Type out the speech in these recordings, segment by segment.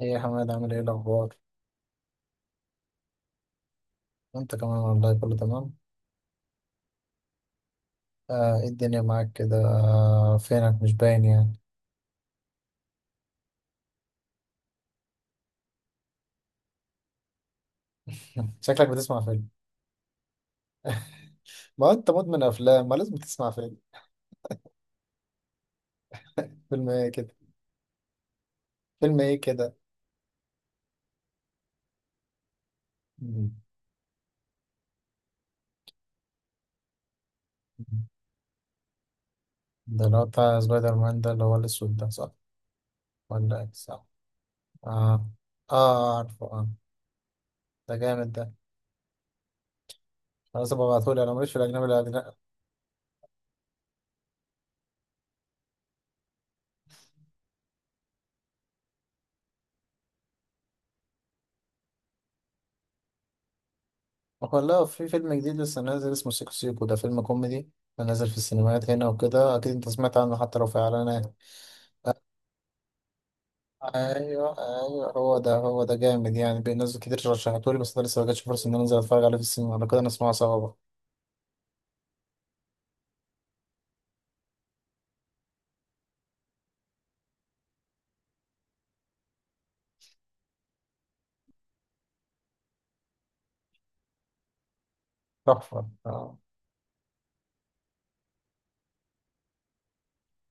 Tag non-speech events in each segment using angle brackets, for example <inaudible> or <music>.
ايه يا حماد عامل ايه الاخبار؟ وانت كمان والله كله تمام. ايه الدنيا معاك كده؟ فينك مش باين يعني؟ <laughs> شكلك بتسمع فيلم. ما انت مدمن افلام ما لازم تسمع فيلم. فيلم ايه كده؟ فيلم ايه كده؟ <laughs> مم. ده اللي هو بتاع سبايدر مان، ده اللي هو الاسود ده، صح ولا ايه؟ صح، اه اه، عارفه اه. ده جامد ده. خلاص ابقى ابعتهولي، انا ماليش في الاجنبي الاجنبي. والله في فيلم جديد لسه نازل اسمه سيكو سيكو، ده فيلم كوميدي نازل في السينمات هنا وكده، اكيد انت سمعت عنه حتى لو في اعلانات. ايوه ايوه، هو ده هو ده جامد يعني، ناس كتير رشحتولي بس انا لسه ما جاتش فرصه ان انا انزل اتفرج عليه في السينما، لو كده نسمعه سوا بقى. تحفه اه.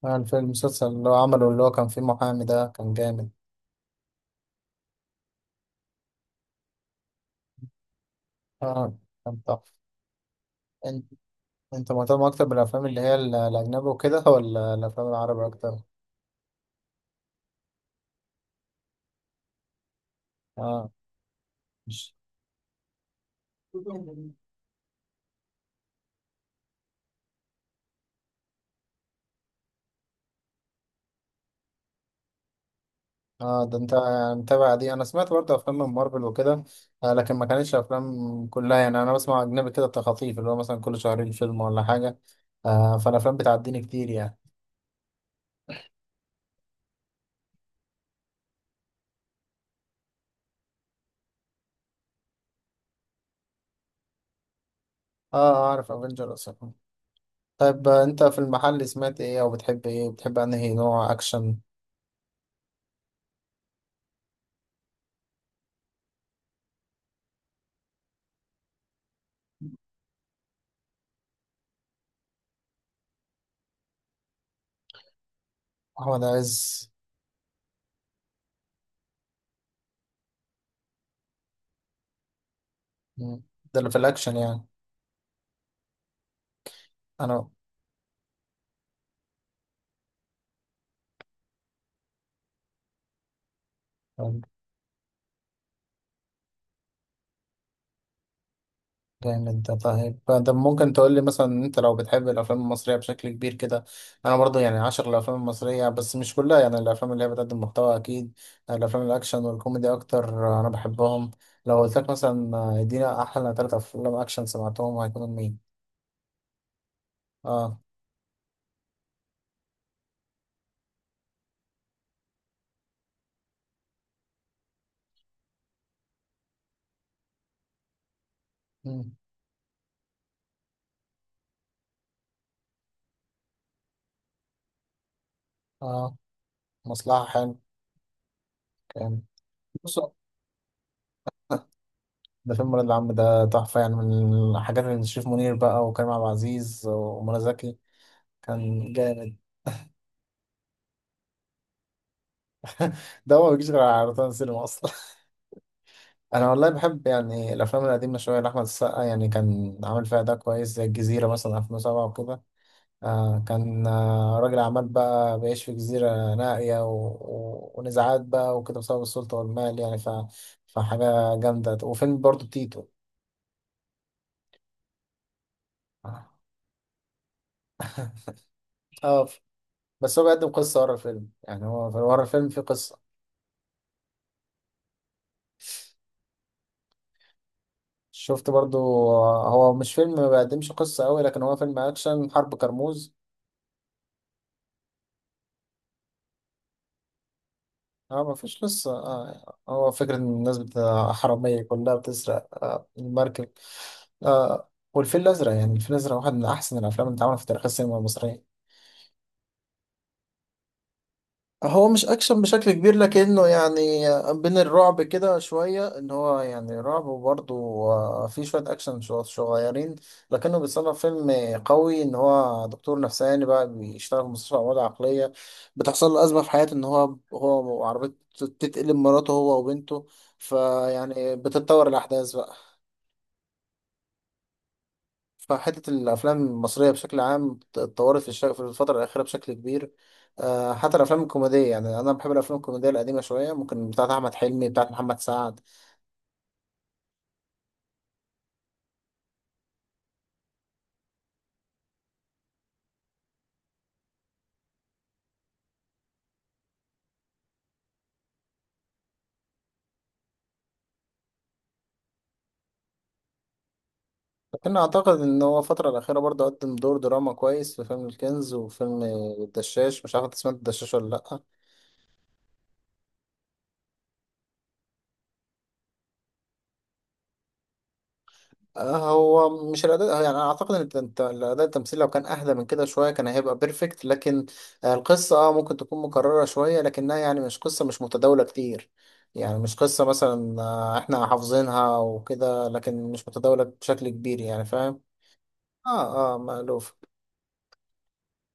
الفيلم المسلسل اللي هو عمله اللي هو كان فيه محامي ده كان جامد. اه كان تحفه. انت انت مهتم اكتر بالافلام اللي هي الاجنبي وكده ولا الافلام العربي اكتر؟ اه، مش اه، ده انت متابع دي. انا سمعت برضه افلام من مارفل وكده، آه لكن ما كانتش افلام كلها يعني، انا بسمع اجنبي كده تخاطيف اللي هو مثلا كل شهرين فيلم ولا حاجه. آه فالافلام بتعديني كتير يعني. اه، اعرف افنجرز. طيب انت في المحل سمعت ايه او بتحب ايه، بتحب انهي نوع اكشن؟ احمد عز. مم، ده اللي في الاكشن يعني. انا جامد ده. طيب، ممكن تقول لي مثلا إن انت لو بتحب الافلام المصريه بشكل كبير كده، انا برضو يعني عاشق الافلام المصريه بس مش كلها يعني، الافلام اللي هي بتقدم محتوى اكيد. الافلام الاكشن والكوميدي اكتر انا بحبهم. لو قلت لك مثلا ادينا احلى ثلاث افلام اكشن سمعتهم هيكونوا مين؟ اه. مم. اه، مصلحه حلو كان. بص، ده فيلم ولاد العم ده تحفه يعني، من الحاجات اللي شريف منير بقى وكريم عبد العزيز ومنى زكي. كان جامد. ده هو ما بيجيش غير على روتانا سينما اصلا. انا والله بحب يعني الافلام القديمه شويه لاحمد السقا، يعني كان عامل فيها ده كويس، زي الجزيره مثلا 2007 وكده. آه كان آه راجل اعمال بقى بيعيش في جزيره نائيه ونزاعات بقى وكده بسبب السلطه والمال يعني فحاجه جامده. وفيلم برضو تيتو اه. آه، بس هو بيقدم قصه ورا الفيلم، يعني هو ورا الفيلم في قصه. شفت برضو. هو مش فيلم ما بيقدمش قصه قوي، لكن هو فيلم اكشن. حرب كرموز اه، ما فيش لسه آه. هو فكرة ان حرامية كلها بتسرق آه المركب. آه، والفيل الأزرق، يعني الفيل الأزرق واحد من أحسن الأفلام اللي اتعملت في تاريخ السينما المصرية. هو مش اكشن بشكل كبير لكنه يعني بين الرعب كده شوية، ان هو يعني رعب وبرضه في شوية صغيرين، لكنه بيصنف فيلم قوي، ان هو دكتور نفساني بقى بيشتغل في مستشفى امراض عقلية، بتحصل له ازمة في حياته ان هو، هو وعربيته تتقلب، مراته هو وبنته، فيعني بتتطور الاحداث بقى. فحتة الأفلام المصرية بشكل عام اتطورت في الفترة الأخيرة بشكل كبير. حتى الأفلام الكوميدية، يعني أنا بحب الأفلام الكوميدية القديمة شوية، ممكن بتاعت أحمد حلمي، بتاعت محمد سعد. لكن أعتقد إن هو الفترة الأخيرة برضه قدم دور دراما كويس في فيلم الكنز وفيلم الدشاش، مش عارف أنت سمعت الدشاش ولا لأ. هو مش الأداء يعني، أنا أعتقد إن أنت الأداء التمثيل لو كان أهدى من كده شوية كان هيبقى بيرفكت، لكن القصة أه ممكن تكون مكررة شوية، لكنها يعني مش قصة، مش متداولة كتير يعني، مش قصة مثلا إحنا حافظينها وكده، لكن مش متداولة بشكل كبير يعني، فاهم. أه أه، مألوف.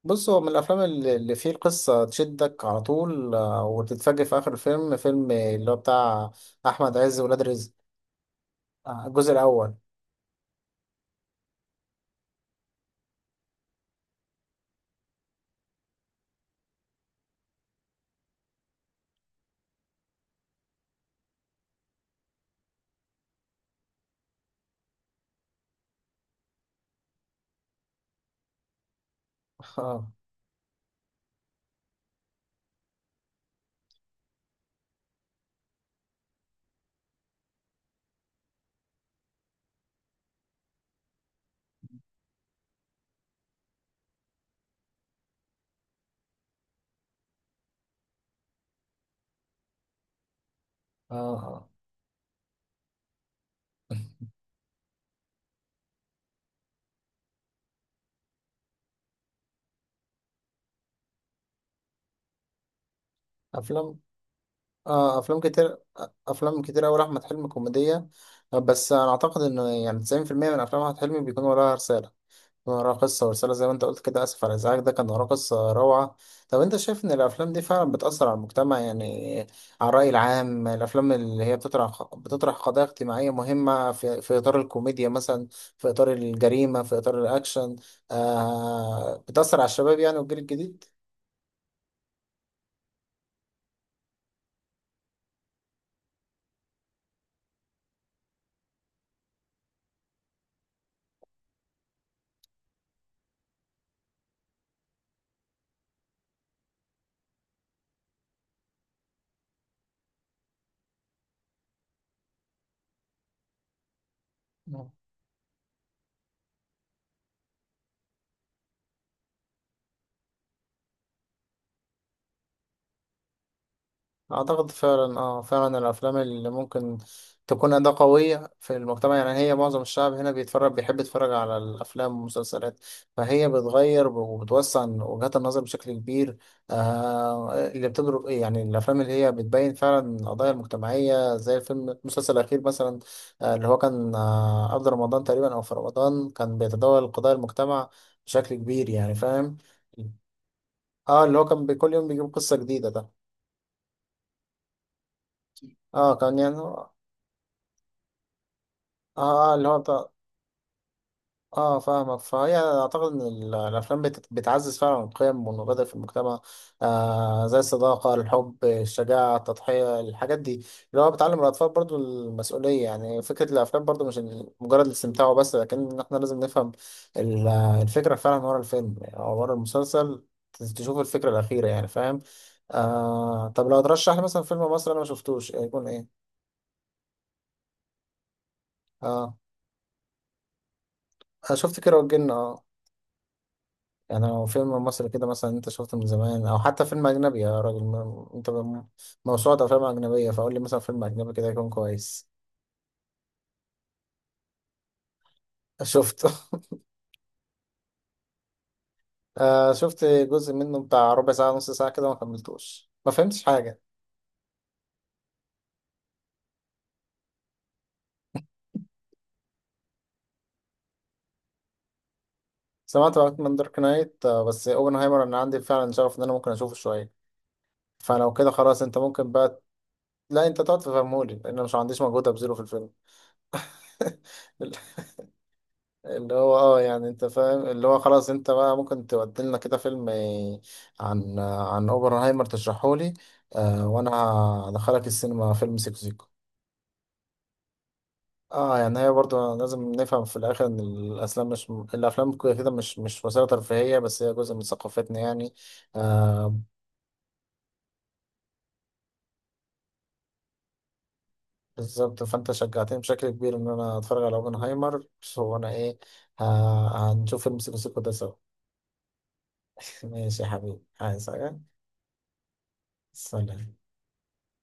بص هو من الأفلام اللي فيه القصة تشدك على طول، وتتفاجئ في آخر الفيلم. فيلم اللي هو بتاع أحمد عز، ولاد رزق. الجزء الأول. أه أه. آه. أفلام، آه افلام كتير، افلام كتير اوي لاحمد حلمي كوميديه. بس انا اعتقد ان يعني 90% من افلام احمد حلمي بيكون وراها رساله، بيكون وراها قصه ورساله. زي ما انت قلت كده، اسف على الازعاج ده كان وراه قصه روعه. طب انت شايف ان الافلام دي فعلا بتاثر على المجتمع يعني، على الراي العام؟ الافلام اللي هي بتطرح بتطرح قضايا اجتماعيه مهمه في في اطار الكوميديا مثلا، في اطار الجريمه، في اطار الاكشن، آه بتاثر على الشباب يعني والجيل الجديد. اعتقد فعلا، اه فعلا الافلام اللي ممكن تكون اداة قوية في المجتمع يعني، هي معظم الشعب هنا بيتفرج، بيحب يتفرج على الافلام والمسلسلات، فهي بتغير وبتوسع وجهات النظر بشكل كبير. آه اللي بتضرب ايه يعني، الافلام اللي هي بتبين فعلا القضايا المجتمعية، زي الفيلم المسلسل الاخير مثلا، آه اللي هو كان آه قبل رمضان تقريبا او في رمضان، كان بيتداول قضايا المجتمع بشكل كبير يعني، فاهم. اه اللي هو كان كل يوم بيجيب قصة جديدة ده. اه كان يعني، اه اللي هو بتاع، اه فاهمك. فهي اعتقد ان الافلام بتعزز فعلا القيم والمبادئ في المجتمع، آه زي الصداقه، الحب، الشجاعه، التضحيه، الحاجات دي اللي هو بتعلم الاطفال برضو المسؤوليه. يعني فكره الافلام برضو مش مجرد الاستمتاع بس، لكن إن احنا لازم نفهم ال- الفكره فعلا ورا الفيلم او ورا المسلسل. تشوف الفكره الاخيره يعني، فاهم. آه طب لو ترشح لي مثلا فيلم مصري انا ما شفتوش يكون ايه؟ اه، شفت كيرة والجن اه. يعني لو فيلم مصري كده مثلا انت شفته من زمان، او حتى فيلم اجنبي يا راجل، انت موسوعة افلام اجنبية، فقول لي مثلا فيلم اجنبي كده يكون كويس. شفته. <laughs> آه شفت جزء منه بتاع ربع ساعة نص ساعة كده، ما كملتوش ما فهمتش حاجة. سمعت وقت من دارك نايت آه، بس اوبنهايمر انا عندي فعلا شغف ان انا ممكن اشوفه شوية. فلو كده خلاص انت ممكن بقى. لا انت تقعد تفهمهولي لان انا مش عنديش مجهود ابذله في الفيلم. <laughs> اللي هو اه يعني انت فاهم، اللي هو خلاص انت بقى ممكن تودلنا كده فيلم عن اوبنهايمر تشرحهولي. آه وانا هدخلك السينما فيلم سيكو سيكو. اه يعني هي برضه لازم نفهم في الاخر ان الافلام، مش الافلام كده كده مش مش وسيله ترفيهيه بس، هي جزء من ثقافتنا يعني، آه. بالظبط، فانت شجعتني بشكل كبير ان انا اتفرج على اوبنهايمر. هو انا ايه، هنشوف فيلم سيكو سيكو ده سوا. <laughs> ماشي يا حبيبي، عايز حاجه؟ سلام.